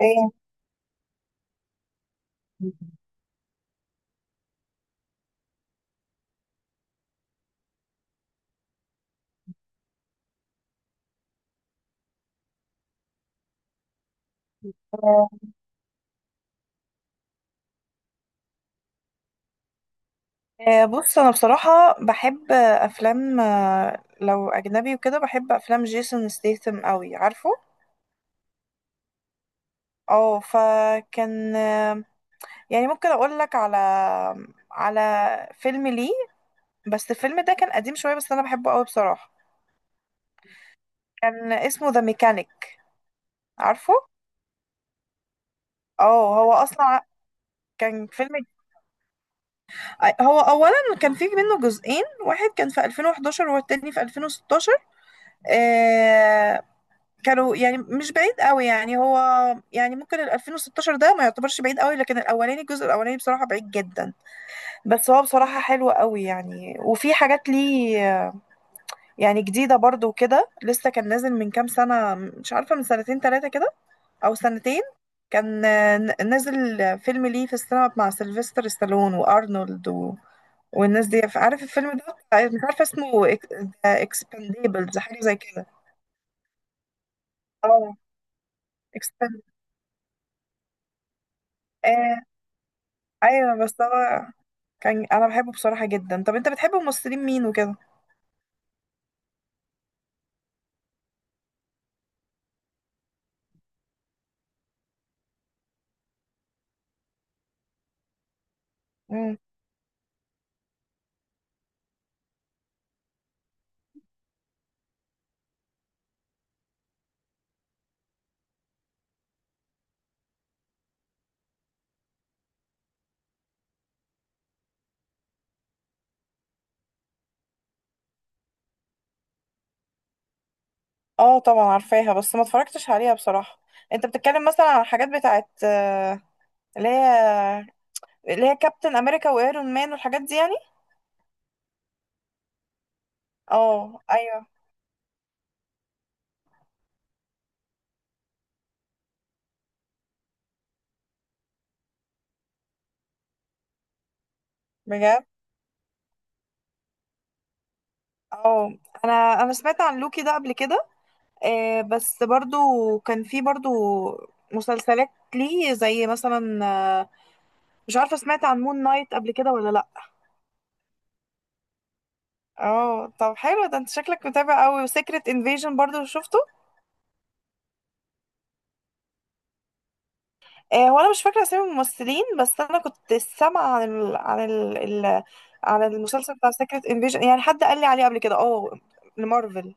إيه، بص انا بصراحه بحب افلام لو اجنبي وكده، بحب افلام جيسون ستيثم قوي، عارفه. اه، فكان، يعني ممكن اقول لك على على فيلم ليه. بس الفيلم ده كان قديم شويه، بس انا بحبه قوي بصراحه. كان اسمه ذا ميكانيك، عارفه. اه، هو اصلا كان فيلم، هو اولا كان فيه منه جزئين، واحد كان في 2011 والتاني في 2016. كانوا يعني مش بعيد قوي، يعني هو، يعني ممكن ال 2016 ده ما يعتبرش بعيد قوي، لكن الجزء الاولاني بصراحة بعيد جدا. بس هو بصراحة حلو قوي يعني، وفي حاجات ليه يعني جديدة برضو وكده، لسه كان نازل من كام سنة، مش عارفة، من سنتين ثلاثة كده، او سنتين. كان نازل فيلم ليه في السينما مع سيلفستر ستالون وارنولد والناس دي، عارف الفيلم ده. مش عارفة اسمه، اكسبانديبلز، حاجة زي كده. اه، اكسباند. ايوه، بس انا، كان انا بحبه بصراحه جدا. طب انت بتحب ممثلين مين وكده؟ امم، اه، طبعا عارفاها، بس ما اتفرجتش عليها بصراحه. انت بتتكلم مثلا على الحاجات بتاعت، اللي هي اللي هي كابتن امريكا وايرون مان والحاجات دي يعني. اه، ايوه، بجد. اه، انا انا سمعت عن لوكي ده قبل كده، بس برضو كان في برضو مسلسلات ليه، زي مثلا، آه، مش عارفه، سمعت عن مون نايت قبل كده ولا لا؟ اه، طب حلو. ده انت شكلك متابع قوي. وسيكريت انفيجن برضو شفته؟ هو انا مش فاكره اسامي الممثلين، بس انا كنت سامعه ال... عن المسلسل بتاع سيكريت انفيجن، يعني حد قال لي عليه قبل كده، اه، لمارفل.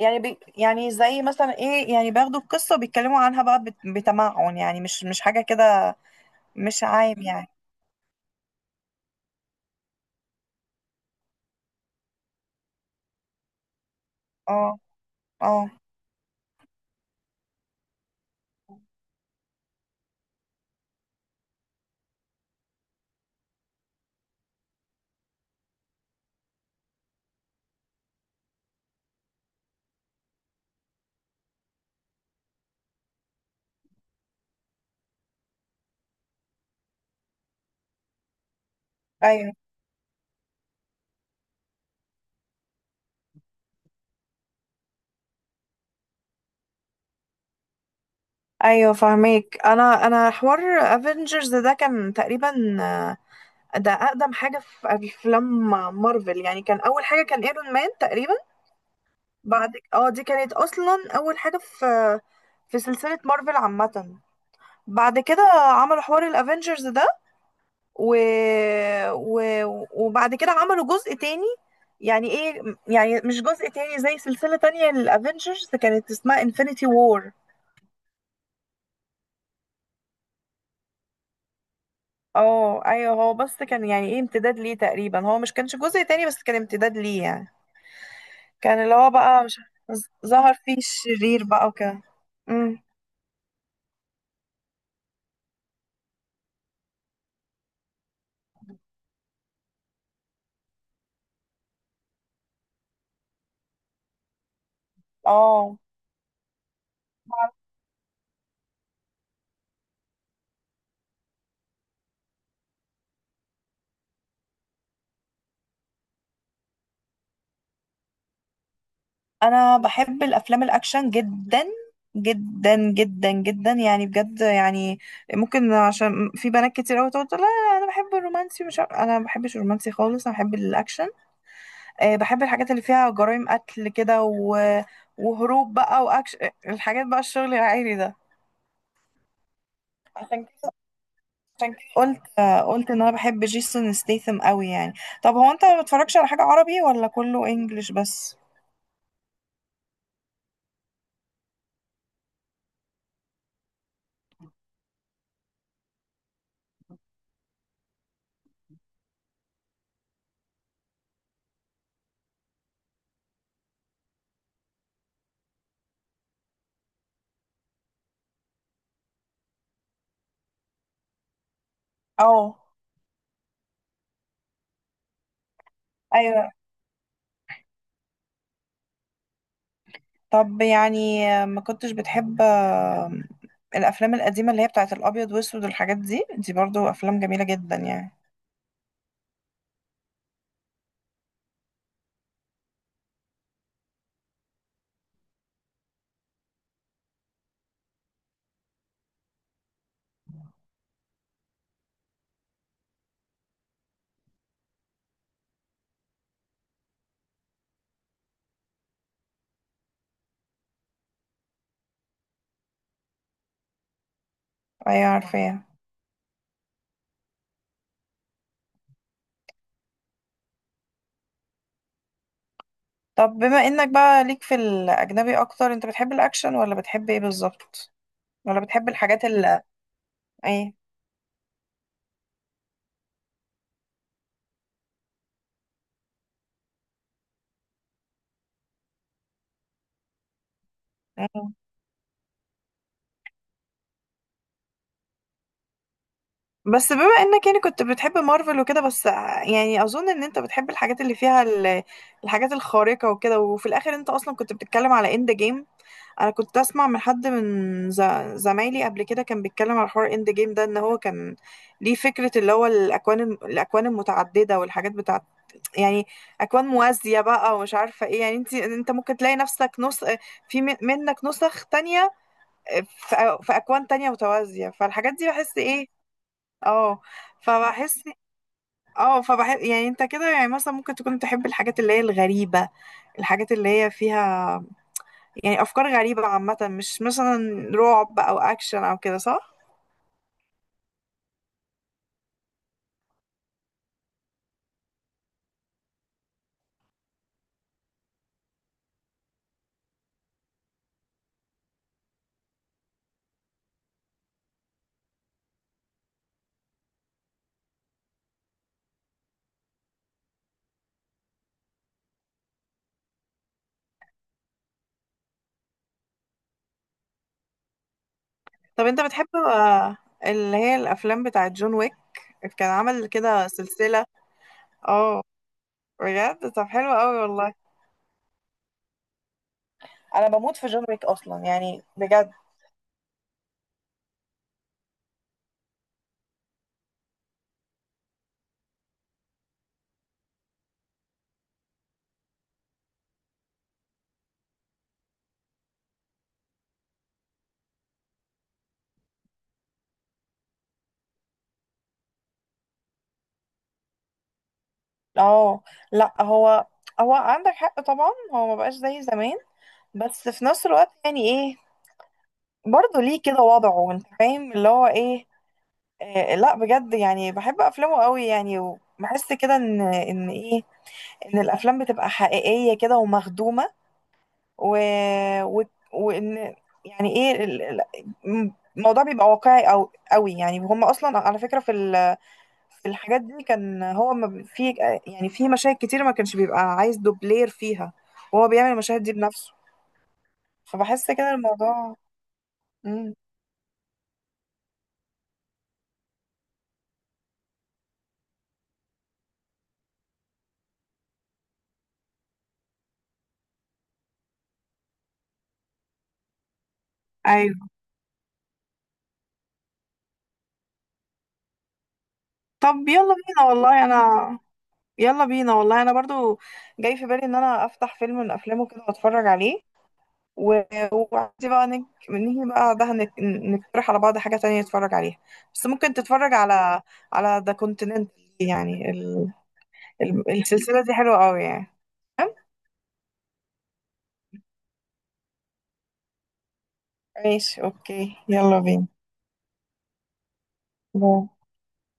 يعني يعني زي مثلا ايه، يعني بياخدوا القصه وبيتكلموا عنها بقى، بتمعن يعني، مش حاجه كده، مش عام يعني. اه، اه، ايوه، ايوه، فاهمك. انا، حوار افنجرز ده، كان تقريبا ده اقدم حاجه في افلام مارفل. يعني كان اول حاجه، كان ايرون مان تقريبا. بعد اه، دي كانت اصلا اول حاجه في سلسله مارفل عامه. بعد كده عملوا حوار الافنجرز ده، و... و... وبعد كده عملوا جزء تاني. يعني ايه؟ يعني مش جزء تاني، زي سلسله تانية للافنجرز، كانت اسمها انفينيتي وور. اه، ايوه، هو بس كان يعني ايه، امتداد ليه تقريبا. هو مش كانش جزء تاني، بس كان امتداد ليه يعني. كان اللي هو بقى، مش ظهر فيه الشرير بقى وكده. امم اه، انا بحب الافلام الاكشن جدا جدا جدا جدا يعني، بجد يعني. ممكن عشان في بنات كتير قوي تقول لا، لا، انا بحب الرومانسي، مش عارف- انا ما بحبش الرومانسي خالص، انا بحب الاكشن. بحب الحاجات اللي فيها جرائم قتل كده، وهروب بقى، واكشن، الحاجات بقى، الشغل العائلي ده. عشان كده، عشان كده قلت قلت ان انا بحب جيسون ستيثم قوي يعني. طب هو انت ما بتتفرجش على حاجة عربي ولا كله انجليش بس؟ اه، ايوه. طب يعني ما كنتش بتحب الافلام القديمة اللي هي بتاعت الابيض واسود والحاجات دي؟ برضو افلام جميلة جدا يعني. ايوه، عارفاها. طب بما انك بقى ليك في الاجنبي اكتر، انت بتحب الاكشن ولا بتحب ايه بالظبط؟ ولا بتحب الحاجات ايه؟ بس بما انك يعني كنت بتحب مارفل وكده بس، يعني اظن ان انت بتحب الحاجات اللي فيها الحاجات الخارقة وكده. وفي الاخر انت اصلا كنت بتتكلم على اند جيم. انا كنت اسمع من حد، زمايلي قبل كده، كان بيتكلم على حوار اند جيم ده، ان هو كان ليه فكرة، اللي هو الاكوان، الاكوان المتعددة والحاجات بتاعت، يعني اكوان موازية بقى، ومش عارفة ايه. يعني انت، ممكن تلاقي نفسك نص، في منك نسخ تانية، في اكوان تانية متوازية. فالحاجات دي بحس ايه. اه، فبحس، يعني انت كده، يعني مثلا ممكن تكون تحب الحاجات اللي هي الغريبة، الحاجات اللي هي فيها يعني أفكار غريبة عامة، مش مثلا رعب أو أكشن أو كده، صح؟ طب انت بتحب اللي هي الأفلام بتاعة جون ويك. كان عمل كده سلسلة. اه، بجد، طب حلو قوي والله. انا بموت في جون ويك اصلا يعني، بجد. اه، لا، هو، عندك حق طبعا، هو ما بقاش زي زمان. بس في نفس الوقت يعني ايه، برضه ليه كده وضعه، انت فاهم اللي هو ايه. آه، لا، بجد يعني، بحب افلامه قوي يعني. وبحس كده ان ان الافلام بتبقى حقيقية كده ومخدومة، و... و... وان يعني ايه، الموضوع بيبقى واقعي او قوي يعني. هم اصلا على فكرة في في الحاجات دي، كان هو ما بي- في، يعني في مشاهد كتير ما كانش بيبقى عايز دوبلير فيها، وهو بيعمل المشاهد دي بنفسه. فبحس كده الموضوع. مم. ايوه، طب يلا بينا والله انا، برضو جاي في بالي ان انا افتح فيلم من افلامه كده واتفرج عليه. ودي بقى، نيجي بقى ده، نقترح على بعض حاجة تانية نتفرج عليها. بس ممكن تتفرج على ذا كونتيننت. يعني السلسلة دي حلوة قوي يعني. ماشي، اوكي، يلا بينا. باي.